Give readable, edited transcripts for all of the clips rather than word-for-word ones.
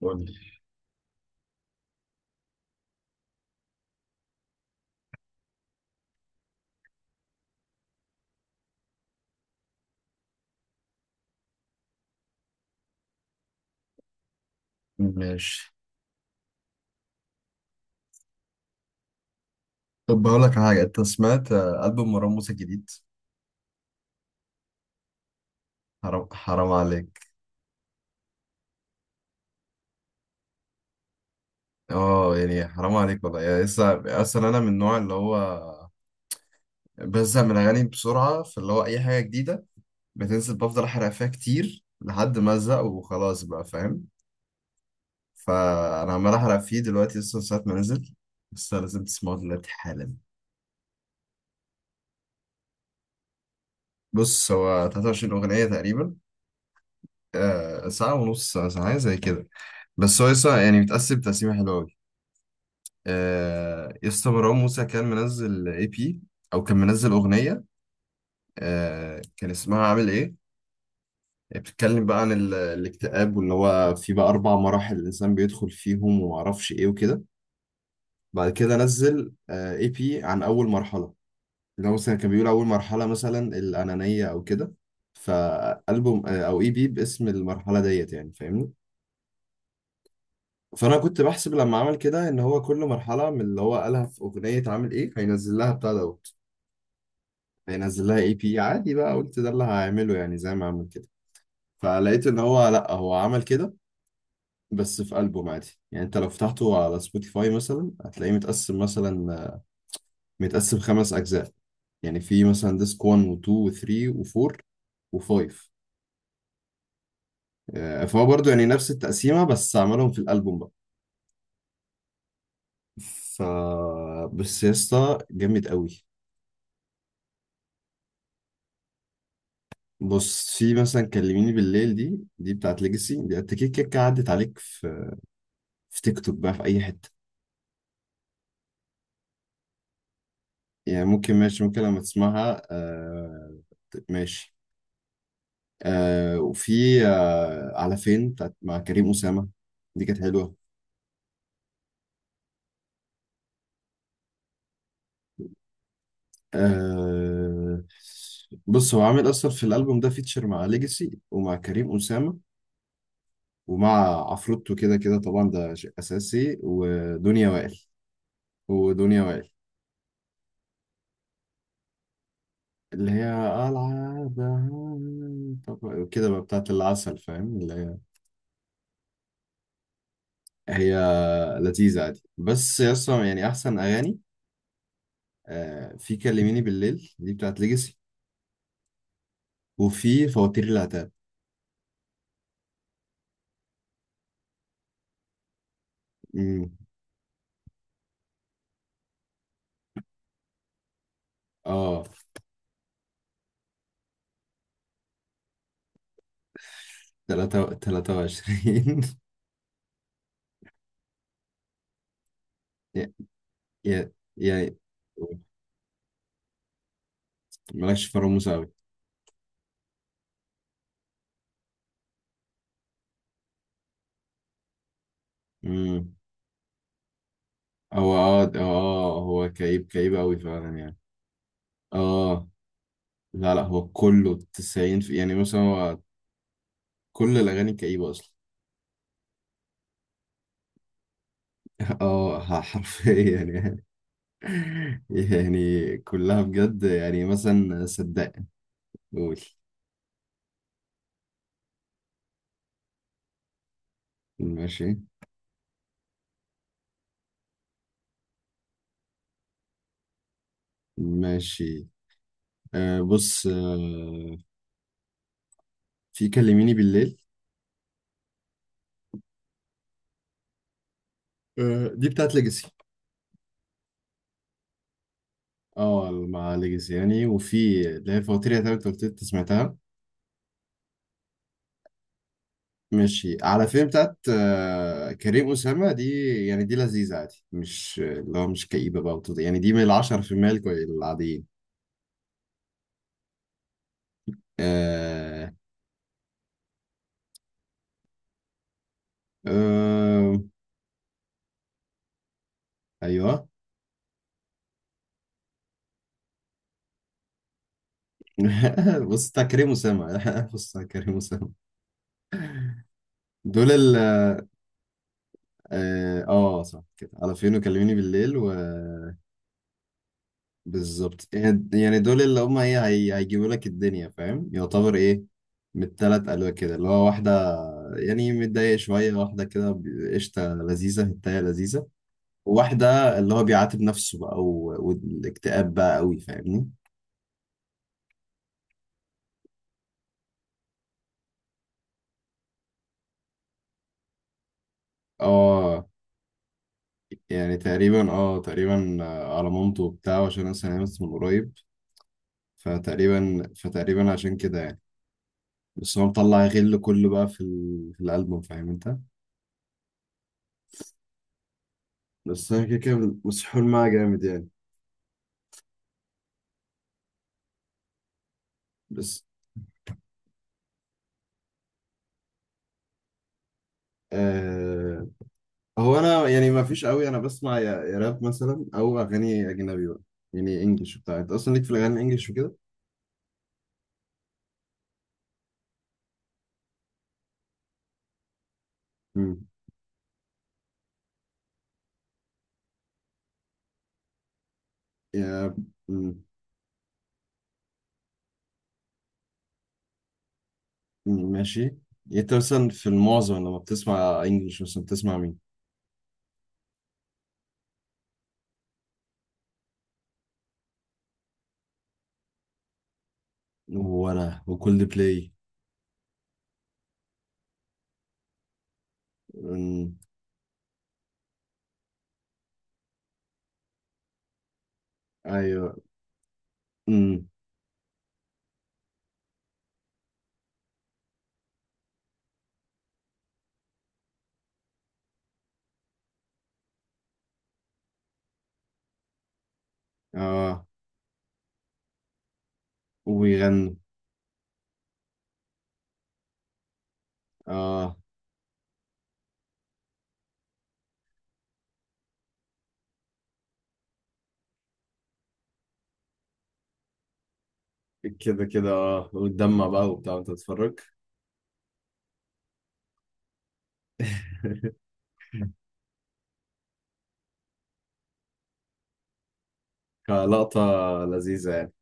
قول لي. ماشي. طب هقول لك على حاجة. أنت سمعت ألبوم مروان موسى الجديد؟ حرام حرام عليك. أه يعني حرام عليك والله. يعني لسه أصلا أنا من النوع اللي هو بزهق من الأغاني بسرعة، فاللي هو أي حاجة جديدة بتنزل بفضل أحرق فيها كتير لحد ما أزهق وخلاص، بقى فاهم؟ فأنا عمال أحرق فيه دلوقتي لسه من ساعة ما نزل. لسه لازم تسمعه دلوقتي حالا. بص، هو 23 أغنية تقريبا. ساعة ونص، ساعة ساعة زي كده. بس هو لسه يعني متقسم تقسيمة حلوة. يسطا مروان موسى كان منزل اي بي او كان منزل اغنيه. كان اسمها عامل ايه. بتتكلم بقى عن الاكتئاب، واللي هو في بقى 4 مراحل الانسان بيدخل فيهم وما اعرفش ايه وكده. بعد كده نزل اي بي عن اول مرحله، اللي هو مثلا كان بيقول اول مرحله مثلا الانانيه او كده. فالبوم او اي بي باسم المرحله ديت، يعني فاهمني؟ فانا كنت بحسب لما عمل كده ان هو كل مرحله من اللي هو قالها في اغنيه عامل ايه هينزل لها بتاع دوت، هينزل لها اي بي عادي بقى. قلت ده اللي هعمله يعني زي ما عمل كده، فلقيت ان هو لا، هو عمل كده بس في ألبوم عادي. يعني انت لو فتحته على سبوتيفاي مثلا هتلاقيه متقسم مثلا، متقسم 5 اجزاء. يعني في مثلا ديسك 1 و2 و3 و4 و5. فهو برضه يعني نفس التقسيمة بس عملهم في الألبوم بقى. ف بس يا اسطى جامد قوي. بص، في مثلا كلميني بالليل دي، بتاعت ليجاسي، دي انت كده كده عدت عليك في في تيك توك بقى في اي حتة. يعني ممكن، ماشي، ممكن لما تسمعها آه. ماشي. آه، وفي على فين بتاعت مع كريم أسامة، دي كانت حلوة. آه. بص، هو عامل أصلا في الألبوم ده فيتشر مع ليجاسي ومع كريم أسامة، ومع عفروتو كده كده طبعا ده شيء أساسي، ودنيا وائل. ودنيا وائل اللي هي العادة. طب كده بقى بتاعت العسل، فاهم اللي هي؟ هي لذيذة عادي، بس أصلا يعني أحسن أغاني. آه، في كلميني بالليل دي بتاعت ليجاسي، وفي فواتير العتاب. امم اه. 23. يا- يعني مالكش في راموس أوي. امم هو هو كئيب كئيب أوي فعلا يعني. اه، لا لا، هو كله 90 في، يعني مثلا هو كل الأغاني كئيبة أصلا. اه، حرفيا يعني. يعني كلها بجد يعني مثلا صدق. قول. ماشي. ماشي. آه، بص. آه، في كلميني بالليل. آه، دي بتاعت ليجاسي. اه، مع ليجاسي يعني. وفي اللي هي فواتير، يا تلات وتلت سمعتها. ماشي. على فيلم بتاعت كريم أسامة دي، يعني دي لذيذة عادي، مش اللي هو مش كئيبة بقى، يعني دي من ال10% العاديين. آه. آه. أيوه. بص بتاع كريم أسامة. بص بتاع كريم أسامة. دول اه. صح كده، على فين وكلميني بالليل و… بالظبط. يعني دول اللي هم ايه، هيجيبوا لك الدنيا، فاهم؟ يعتبر ايه، من التلات قالوا كده اللي هو واحدة يعني متضايق شوية، واحدة كده قشطة لذيذة هتاية لذيذة، وواحدة اللي هو بيعاتب نفسه بقى والاكتئاب بقى قوي، فاهمني؟ اه يعني تقريبا اه، تقريبا على مامته وبتاع، عشان انا سمعت من قريب. فتقريبا عشان كده يعني. بس هو مطلع غل كله بقى في في الألبوم، فاهم انت؟ بس انا كده كده مسحول معاه جامد يعني. بس آه. هو انا يعني ما فيش قوي، انا بسمع يا راب مثلا او اغاني اجنبي بقى. يعني انجلش بتاع، انت اصلا ليك في الاغاني الانجليش وكده. امم يا. مم. مم، ماشي. يعني انت مثلا في المعظم لما بتسمع انجلش مثلا بتسمع مين؟ وانا وكل بلاي. مم. ايوه. امم. اه. ويغنوا. اه كده كده، اه وتدمع بقى وبتاع وانت بتتفرج. كلقطة لذيذة يعني.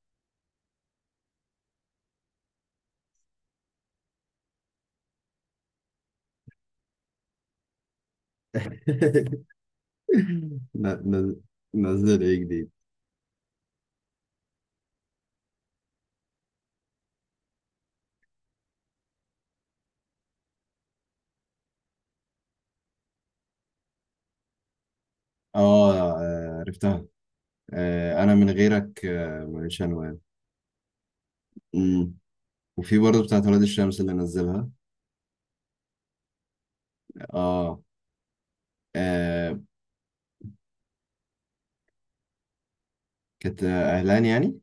ن- ن- نزل ايه جديد؟ اه. عرفتها. انا من غيرك مش هنوام. أمم. وفي برضه بتاعت ولاد الشمس اللي نزلها. اه. آه. كانت اهلان يعني.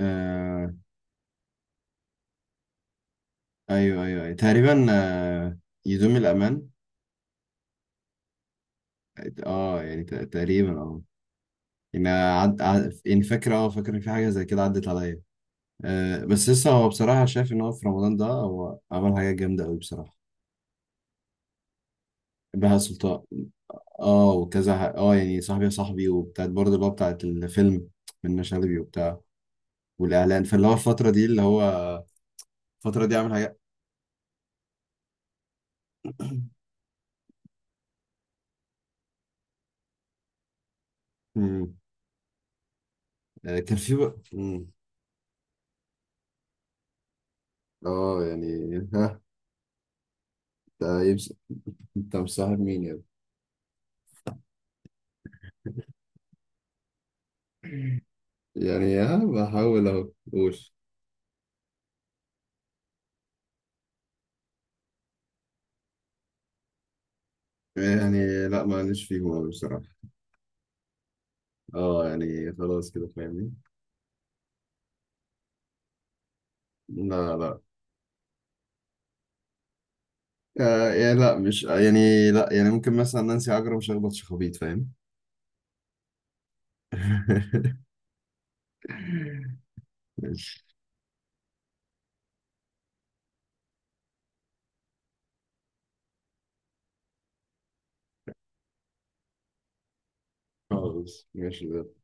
آه، ايوه ايوه أيوة. تقريبا يدوم الامان. اه يعني تقريبا اه. يعني يعني فاكر، اه فاكر إن في حاجه زي كده عدت عليا بس لسه هو بصراحه شايف ان هو في رمضان ده هو عمل حاجه جامده قوي بصراحه. بهاء سلطان. اه وكذا اه، يعني صاحبي يا صاحبي، وبتاعت برضه اللي هو بتاعت الفيلم منة شلبي وبتاع، والاعلان. فاللي هو الفتره دي اللي هو الفتره دي عامل حاجه. امم كان في بقى. اه يعني ها. انت يمس- انت مصاحب مين يا ابني؟ يعني ها، بحاول اهو. قول. يعني لا، معلش فيهم أوي بصراحة. اه، يعني خلاص كده فاهمني؟ لا لا. يعني لا، مش يعني لا، يعني ممكن مثلا نانسي عجرم شخبط شخابيط، فاهم؟ خالص. ماشي ده.